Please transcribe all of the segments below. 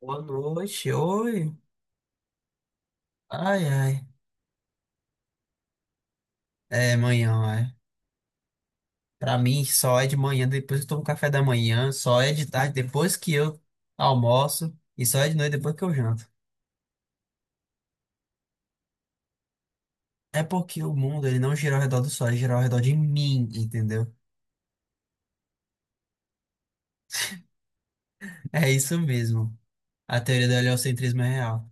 Boa noite, oi. Ai, ai. É manhã, é. Pra mim, só é de manhã depois que eu tomo café da manhã, só é de tarde depois que eu almoço e só é de noite depois que eu janto. É porque o mundo, ele não gira ao redor do sol, ele gira ao redor de mim, entendeu? É isso mesmo. A teoria do heliocentrismo é real.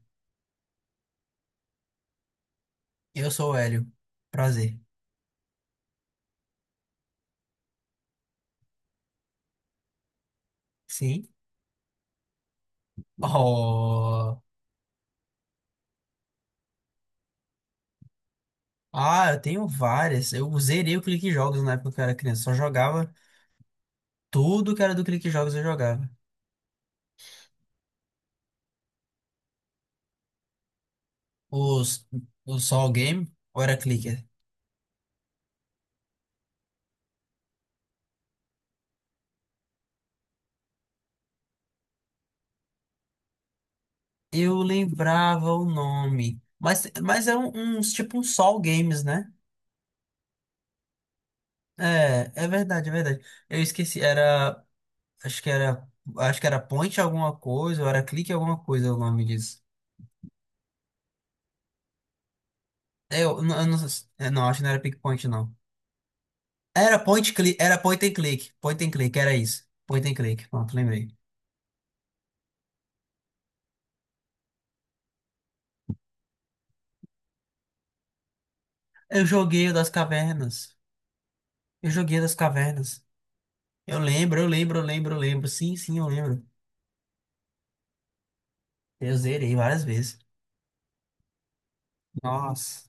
Eu sou o Hélio. Prazer. Sim? Oh. Ah, eu tenho várias. Eu zerei o Clique Jogos na época que eu era criança. Só jogava tudo que era do Clique Jogos eu jogava. Os, o Sol Game ou era Clicker? Eu lembrava o nome. Mas é uns tipo um Sol Games, né? É, é verdade, é verdade. Eu esqueci, era. Acho que era. Acho que era Point alguma coisa, ou era Clique alguma coisa o nome disso. Eu, n- eu não, sei se- é, não, acho que não era Pickpoint, não. Era Point Click, era Point and Click. Point and Click, era isso. Point and Click, pronto, lembrei. Eu joguei o das cavernas. Eu joguei o das cavernas. Eu lembro, eu lembro, eu lembro, eu lembro. Sim, sim, eu lembro. Eu zerei várias vezes. Nossa,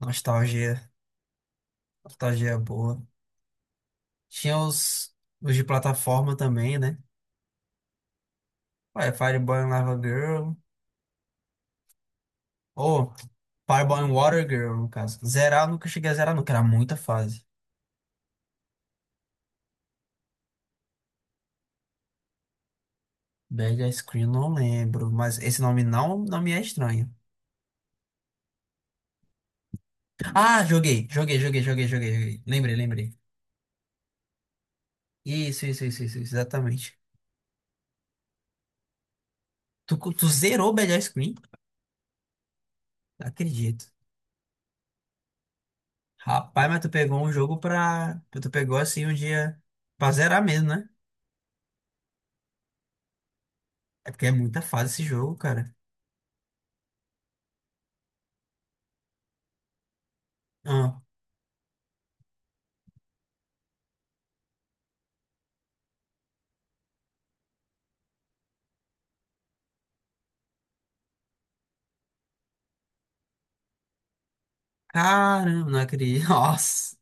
nostalgia. Nostalgia boa. Tinha os de plataforma também, né? Ué, Fireball and Lava Girl. Ou Fireball and Water Girl, no caso. Zerar, eu nunca cheguei a zerar, nunca. Era muita fase. Bad Ice Cream, não lembro. Mas esse nome não me é estranho. Ah, joguei, joguei, joguei, joguei, joguei, joguei. Lembrei, lembrei. Isso, exatamente. Tu zerou Bad Ice Cream? Não Acredito. Rapaz, mas tu pegou um jogo pra. Tu pegou assim um dia pra zerar mesmo, né? É porque é muita fase esse jogo, cara. Ah, caramba, não acredito. Nossa.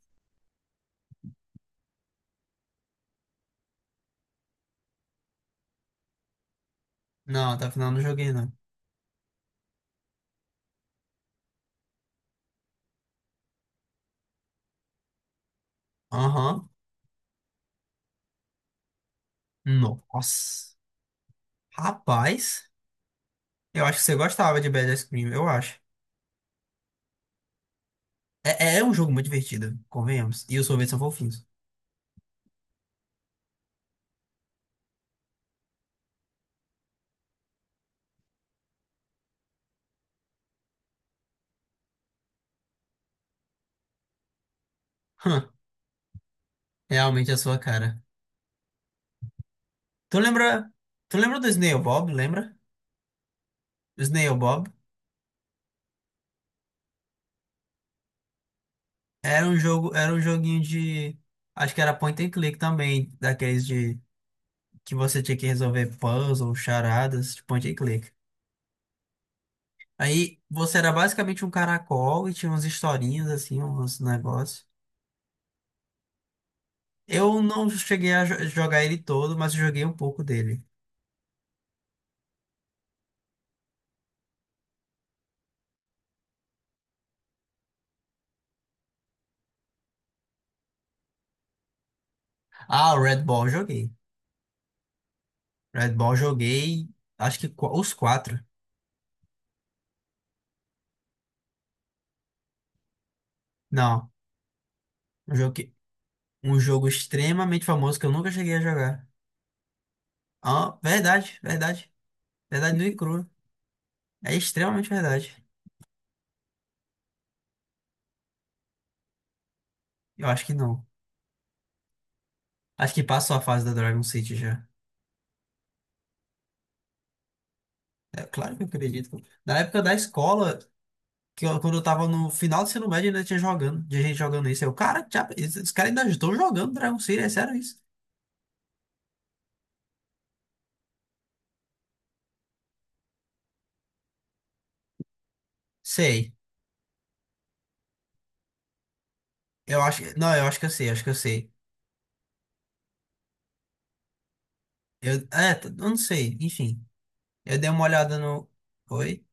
Não, até o final eu não joguei, não. Aham. Nossa. Rapaz, eu acho que você gostava de Bad Ice Cream, eu acho. É, é um jogo muito divertido, convenhamos. E os sorvetes são fofinhos. Hã, Realmente é a sua cara. Tu lembra. Tu lembra do Snail Bob, lembra? Snail Bob. Era um jogo, era um joguinho de. Acho que era point and click também, daqueles de que você tinha que resolver puzzle, charadas, de point and click. Aí você era basicamente um caracol e tinha umas historinhas assim, uns negócios. Eu não cheguei a jogar ele todo, mas eu joguei um pouco dele. Ah, o Red Ball eu joguei. Red Ball eu joguei, acho que os quatro. Não, um jogo, que- um jogo extremamente famoso que eu nunca cheguei a jogar. Ah, verdade, verdade. Verdade nua e crua. É extremamente verdade. Eu acho que não. Acho que passou a fase da Dragon City já. É claro que eu acredito. Na época da escola, que quando eu tava no final do ensino médio, ainda tinha jogando, tinha gente jogando isso. Eu, cara, já, es- os caras ainda estão jogando Dragon City, é sério isso? Sei. Eu acho que. Não, eu acho que eu sei, acho que eu sei. Eu não sei, enfim. Eu dei uma olhada no. Oi?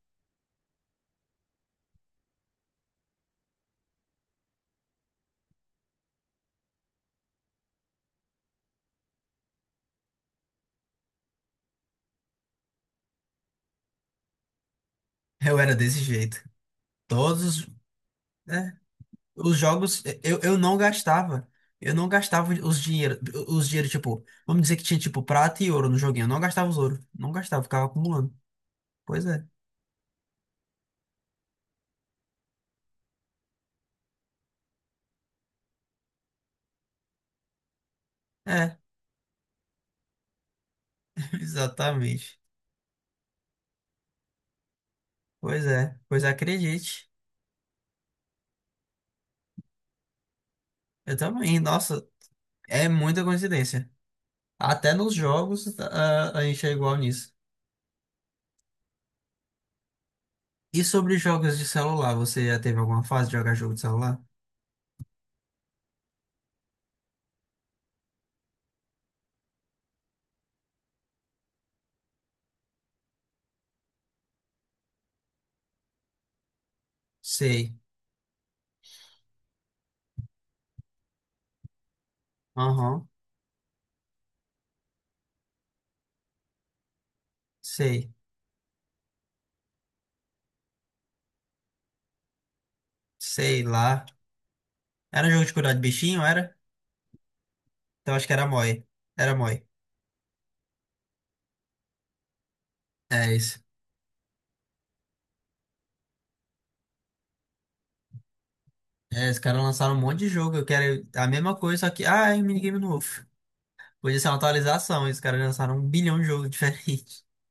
Eu era desse jeito. Todos. Os jogos, eu não gastava. Eu não gastava os dinheiro, tipo, vamos dizer que tinha, tipo, prata e ouro no joguinho. Eu não gastava os ouro. Não gastava, ficava acumulando. Pois é. É, exatamente. Pois é. Pois acredite. Eu também. Nossa, é muita coincidência. Até nos jogos, a gente é igual nisso. E sobre jogos de celular, você já teve alguma fase de jogar jogo de celular? Sei. Aham. Sei. Sei lá. Era jogo de cuidar de bichinho, era? Então acho que era Moi. Era Moi. É isso. É, os caras lançaram um monte de jogo. Eu quero a mesma coisa, só que. Ah, é um minigame novo. Podia ser uma atualização. E Os caras lançaram um bilhão de jogos diferentes.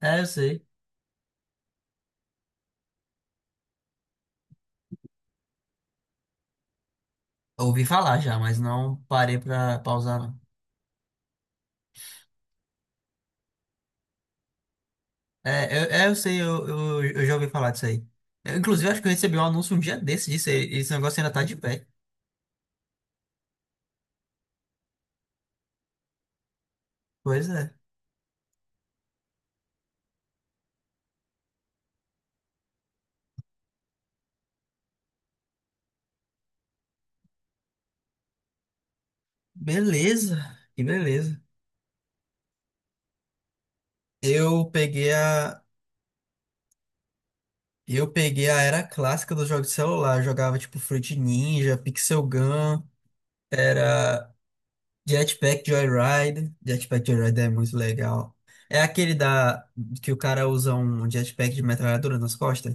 É, eu sei. Ouvi falar já, mas não parei pra pausar, não. Eu sei, eu já ouvi falar disso aí. Eu, inclusive, acho que eu recebi um anúncio um dia desse disso aí. Esse negócio ainda tá de pé. Pois é. Beleza. Que beleza. Eu peguei a. Eu peguei a era clássica dos jogos de celular. Eu jogava tipo Fruit Ninja, Pixel Gun. Era. Jetpack Joyride. Jetpack Joyride é muito legal. É aquele da que o cara usa um jetpack de metralhadora nas costas.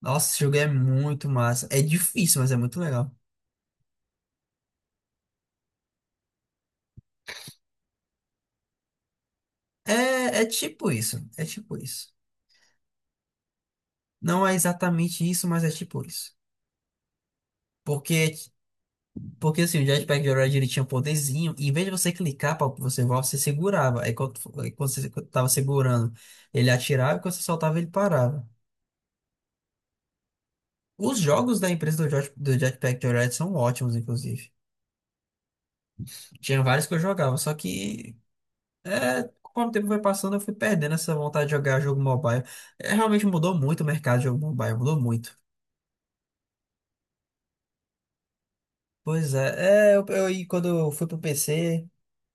Nossa, esse jogo é muito massa. É difícil, mas é muito legal. É, é tipo isso. É tipo isso. Não é exatamente isso, mas é tipo isso. Porque, porque assim, o Jetpack Joyride ele tinha um poderzinho. E em vez de você clicar para você voar, você segurava. Aí quando você tava segurando, ele atirava e quando você soltava, ele parava. Os jogos da empresa do, do Jetpack Joyride são ótimos, inclusive. Tinha vários que eu jogava, só que é, conforme o tempo foi passando, eu fui perdendo essa vontade de jogar jogo mobile. É, realmente mudou muito o mercado de jogo mobile, mudou muito. Pois é, e quando eu fui pro PC,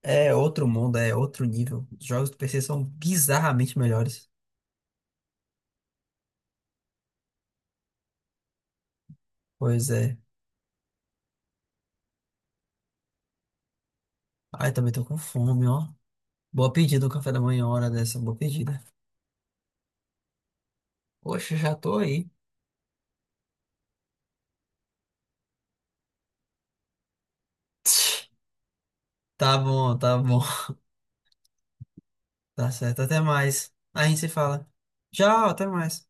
é outro mundo, é outro nível. Os jogos do PC são bizarramente melhores. Pois é. Ai, também tô com fome, ó. Boa pedida, um café da manhã, hora dessa, boa pedida. Poxa, já tô aí. Tá bom, tá bom. Tá certo, até mais. A gente se fala. Tchau, até mais.